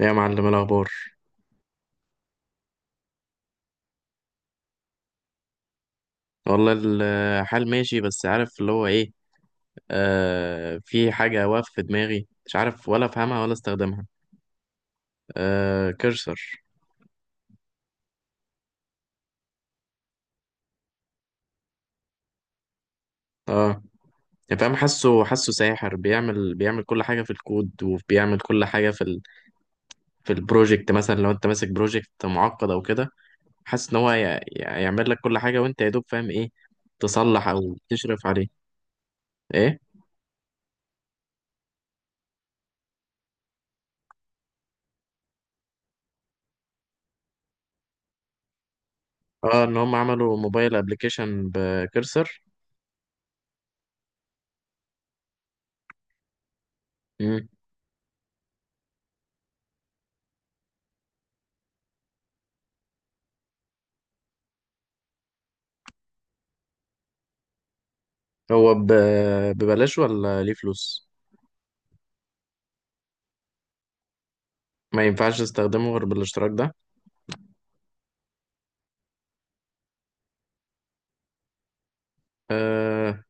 إيه يا معلم، إيه الأخبار؟ والله الحال ماشي، بس عارف اللي هو إيه. في حاجة واقفة في دماغي، مش عارف ولا أفهمها ولا أستخدمها. آه، كرسر. آه يعني فاهم، حاسه ساحر، بيعمل كل حاجة في الكود، وبيعمل كل حاجة في في البروجكت. مثلا لو أنت ماسك بروجكت معقد أو كده، حاسس إن هو يعمل لك كل حاجة، وأنت يا دوب فاهم إيه تصلح أو تشرف عليه. إيه. إن هم عملوا موبايل أبلكيشن بكرسر. هو ببلاش ولا ليه فلوس؟ ما ينفعش استخدمه غير بالاشتراك ده. أه،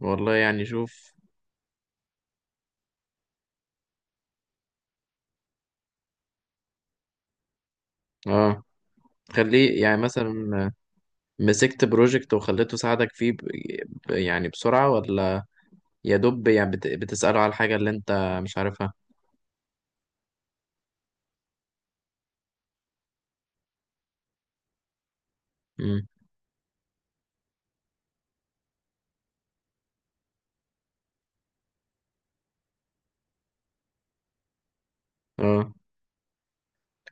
والله يعني شوف. اه، خليه يعني مثلا مسكت بروجكت وخليته ساعدك فيه يعني بسرعة، ولا يا دوب يعني بتسأله على الحاجة اللي انت مش عارفها؟ مم. اه.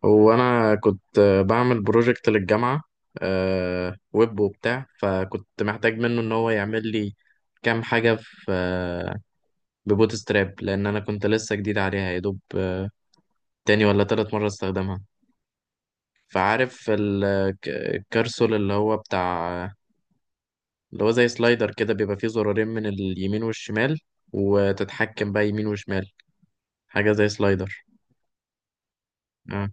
هو انا كنت بعمل بروجكت للجامعة، ويب وبتاع، فكنت محتاج منه ان هو يعمل لي كام حاجة في ببوت ستراب، لان انا كنت لسه جديد عليها يا دوب. تاني ولا تالت مره استخدمها. فعارف الكارسول اللي هو بتاع، اللي هو زي سلايدر كده، بيبقى فيه زرارين من اليمين والشمال، وتتحكم بقى يمين وشمال. حاجه زي سلايدر. اه،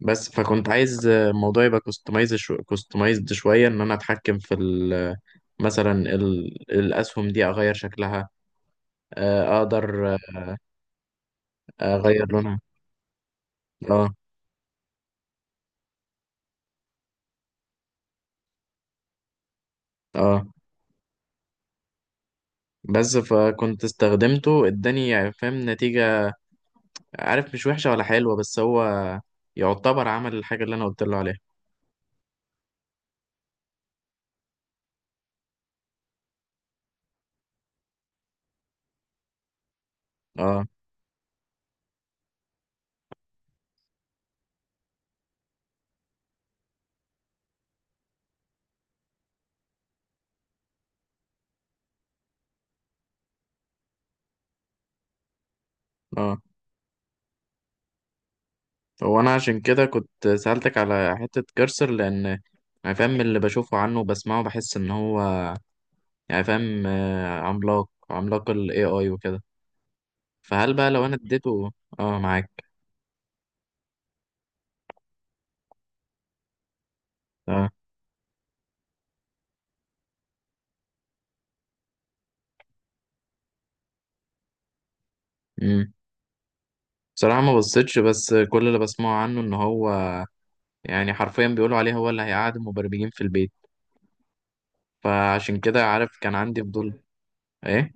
بس فكنت عايز الموضوع يبقى كوستمايزد شويه، ان انا اتحكم في مثلا الاسهم دي اغير شكلها، اقدر اغير لونها. اه، اه. بس فكنت استخدمته، اداني يعني فاهم نتيجة، عارف، مش وحشة ولا حلوة، بس هو يعتبر عمل الحاجة اللي انا قلت له عليها. اه، اه. هو انا عشان كده كنت سألتك على حتة كرسر، لان يعني فاهم اللي بشوفه عنه وبسمعه، بحس ان هو يعني فاهم عملاق، عملاق ال AI وكده. فهل بقى لو انا اديته. اه، معاك. اه. امم بصراحة ما بصيتش، بس كل اللي بسمعه عنه ان هو يعني حرفيا بيقولوا عليه هو اللي هيقعد المبرمجين في البيت، فعشان كده عارف كان عندي فضول. ايه.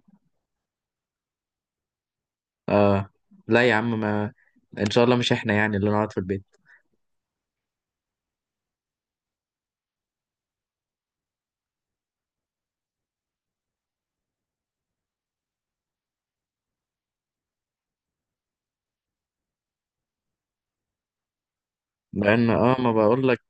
اه، لا يا عم، ما ان شاء الله مش احنا يعني اللي نقعد في البيت. لان ما بقول لك،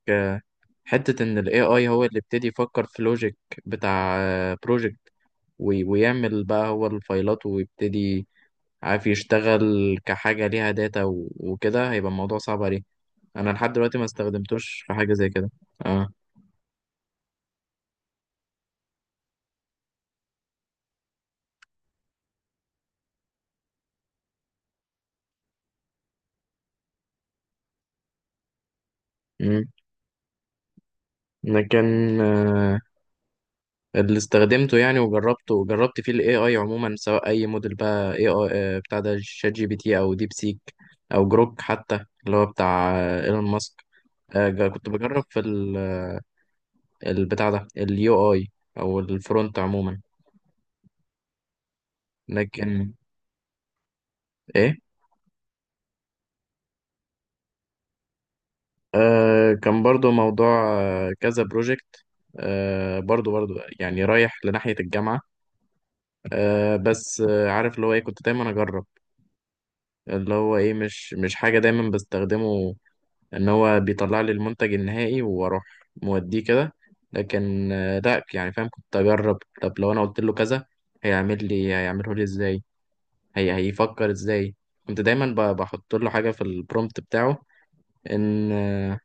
حته ان الاي اي هو اللي ابتدي يفكر في لوجيك بتاع بروجكت، ويعمل بقى هو الفايلات ويبتدي، عارف، يشتغل كحاجه ليها داتا وكده، هيبقى الموضوع صعب عليه. انا لحد دلوقتي ما استخدمتوش في حاجه زي كده. اه. امم لكن آه، اللي استخدمته يعني وجربته، جربت فيه الاي اي عموما، سواء اي موديل بقى، اي اي بتاع ده شات جي بي تي او ديب سيك او جروك، حتى اللي هو بتاع ايلون ماسك. كنت بجرب في البتاع ده اليو اي، او الفرونت عموما. لكن ايه؟ كان برضو موضوع كذا بروجكت، برضو برضو، يعني رايح لناحية الجامعة. بس عارف اللي هو ايه، كنت دايما اجرب اللي هو ايه، مش حاجة دايما بستخدمه ان هو بيطلع لي المنتج النهائي واروح موديه كده. لكن لا يعني فاهم، كنت اجرب، طب لو انا قلت له كذا هيعمل لي، هيعمله لي ازاي، هيفكر ازاي. كنت دايما بحط له حاجه في البرومبت بتاعه، ان آه،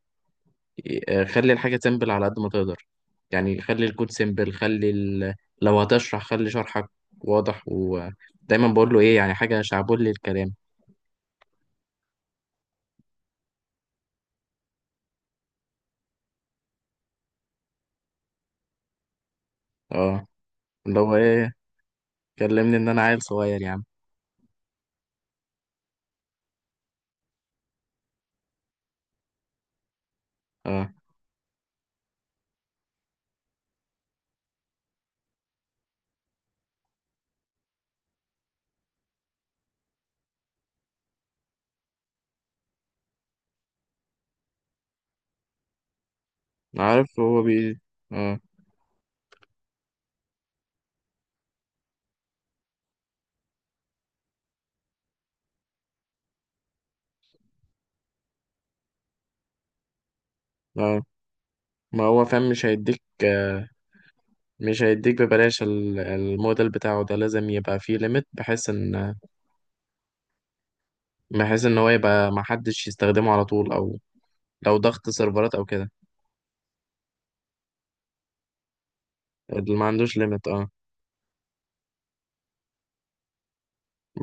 آه، خلي الحاجه سيمبل على قد ما تقدر، يعني خلي الكود سيمبل، خلي لو هتشرح خلي شرحك واضح، ودايما بقول له ايه يعني، حاجه شعبولي الكلام. اه، اللي هو ايه، كلمني ان انا عيل صغير يا عم. اه، عارف هو اه، اه. ما هو فاهم مش هيديك، مش هيديك ببلاش. الموديل بتاعه ده لازم يبقى فيه ليميت، بحيث ان هو يبقى محدش يستخدمه على طول، او لو ضغط سيرفرات او كده، اللي ما عندوش ليميت. اه.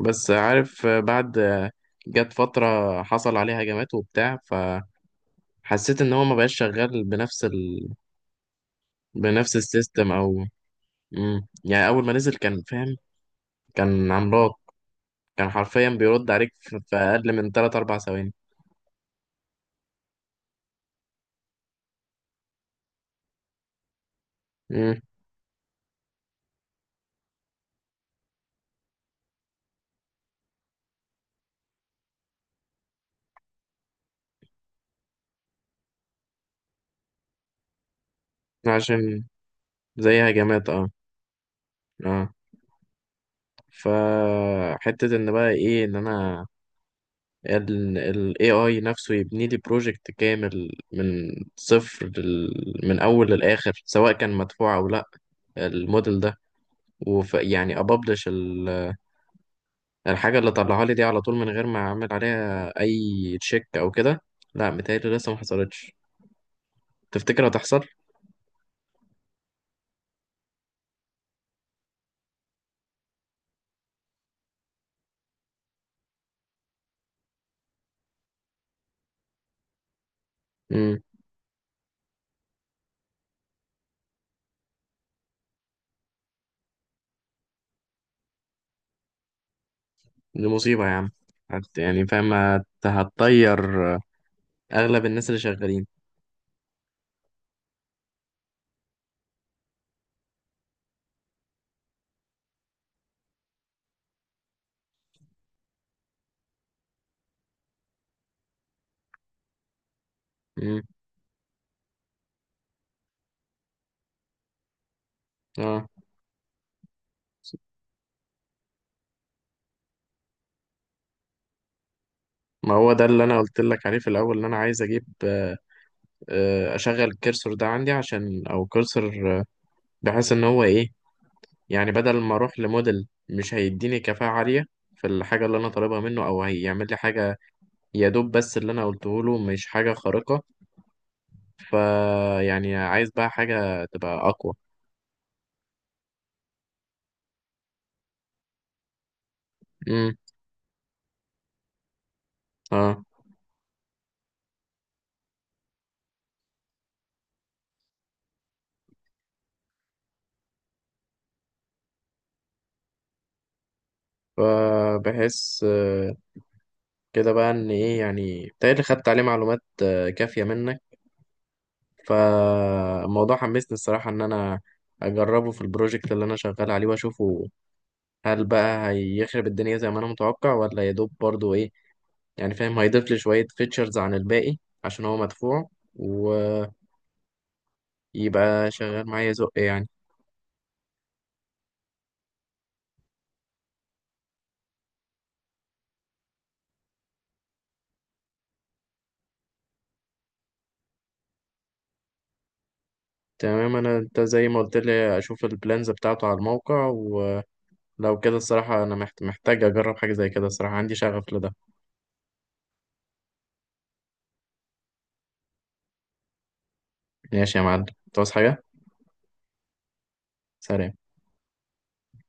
بس عارف، بعد، جت فترة حصل عليه هجمات وبتاع، فحسيت ان هو ما بقاش شغال بنفس بنفس السيستم او. مم. يعني اول ما نزل كان فاهم، كان عملاق، كان حرفيا بيرد عليك في اقل من 3 4 ثواني. امم عشان زي هجمات. اه، اه. فحتة ان بقى ايه، ان انا ال AI نفسه يبني لي بروجكت كامل من صفر، من اول للاخر، سواء كان مدفوع او لا، الموديل ده. وف يعني ابابلش الحاجة اللي طلعها لي دي على طول، من غير ما اعمل عليها اي تشيك او كده. لا متهيألي لسه ما حصلتش. تفتكر هتحصل؟ دي مصيبة يا عم. يعني فاهم هتطير أغلب الناس اللي شغالين. مم. اه. ما هو ده اللي أنا قلت لك عليه في الأول، إن أنا عايز أجيب أشغل الكرسور ده عندي، عشان أو كرسور، بحيث إن هو إيه، يعني بدل ما أروح لموديل مش هيديني كفاءة عالية في الحاجة اللي أنا طالبها منه، أو هيعمل لي حاجة يا دوب، بس اللي أنا قلته له مش حاجة خارقة، فيعني عايز بقى حاجة تبقى أقوى. مم. اه. فبحس كده بقى ان ايه يعني، بتهيألي خدت عليه معلومات كافية منك، فالموضوع حمسني الصراحة ان انا اجربه في البروجكت اللي انا شغال عليه، واشوفه، هل بقى هيخرب الدنيا زي ما انا متوقع، ولا يدوب برضو ايه، يعني فاهم، هيضيف لي شوية فيتشرز عن الباقي عشان هو مدفوع، ويبقى شغال معايا زق يعني. تمام، انا انت زي ما قلت لي اشوف البلانز بتاعته على الموقع، ولو كده الصراحة انا محتاج اجرب حاجة زي كده، الصراحة عندي شغف لده. ماشي يا معلم، انت عاوز حاجة؟ سلام.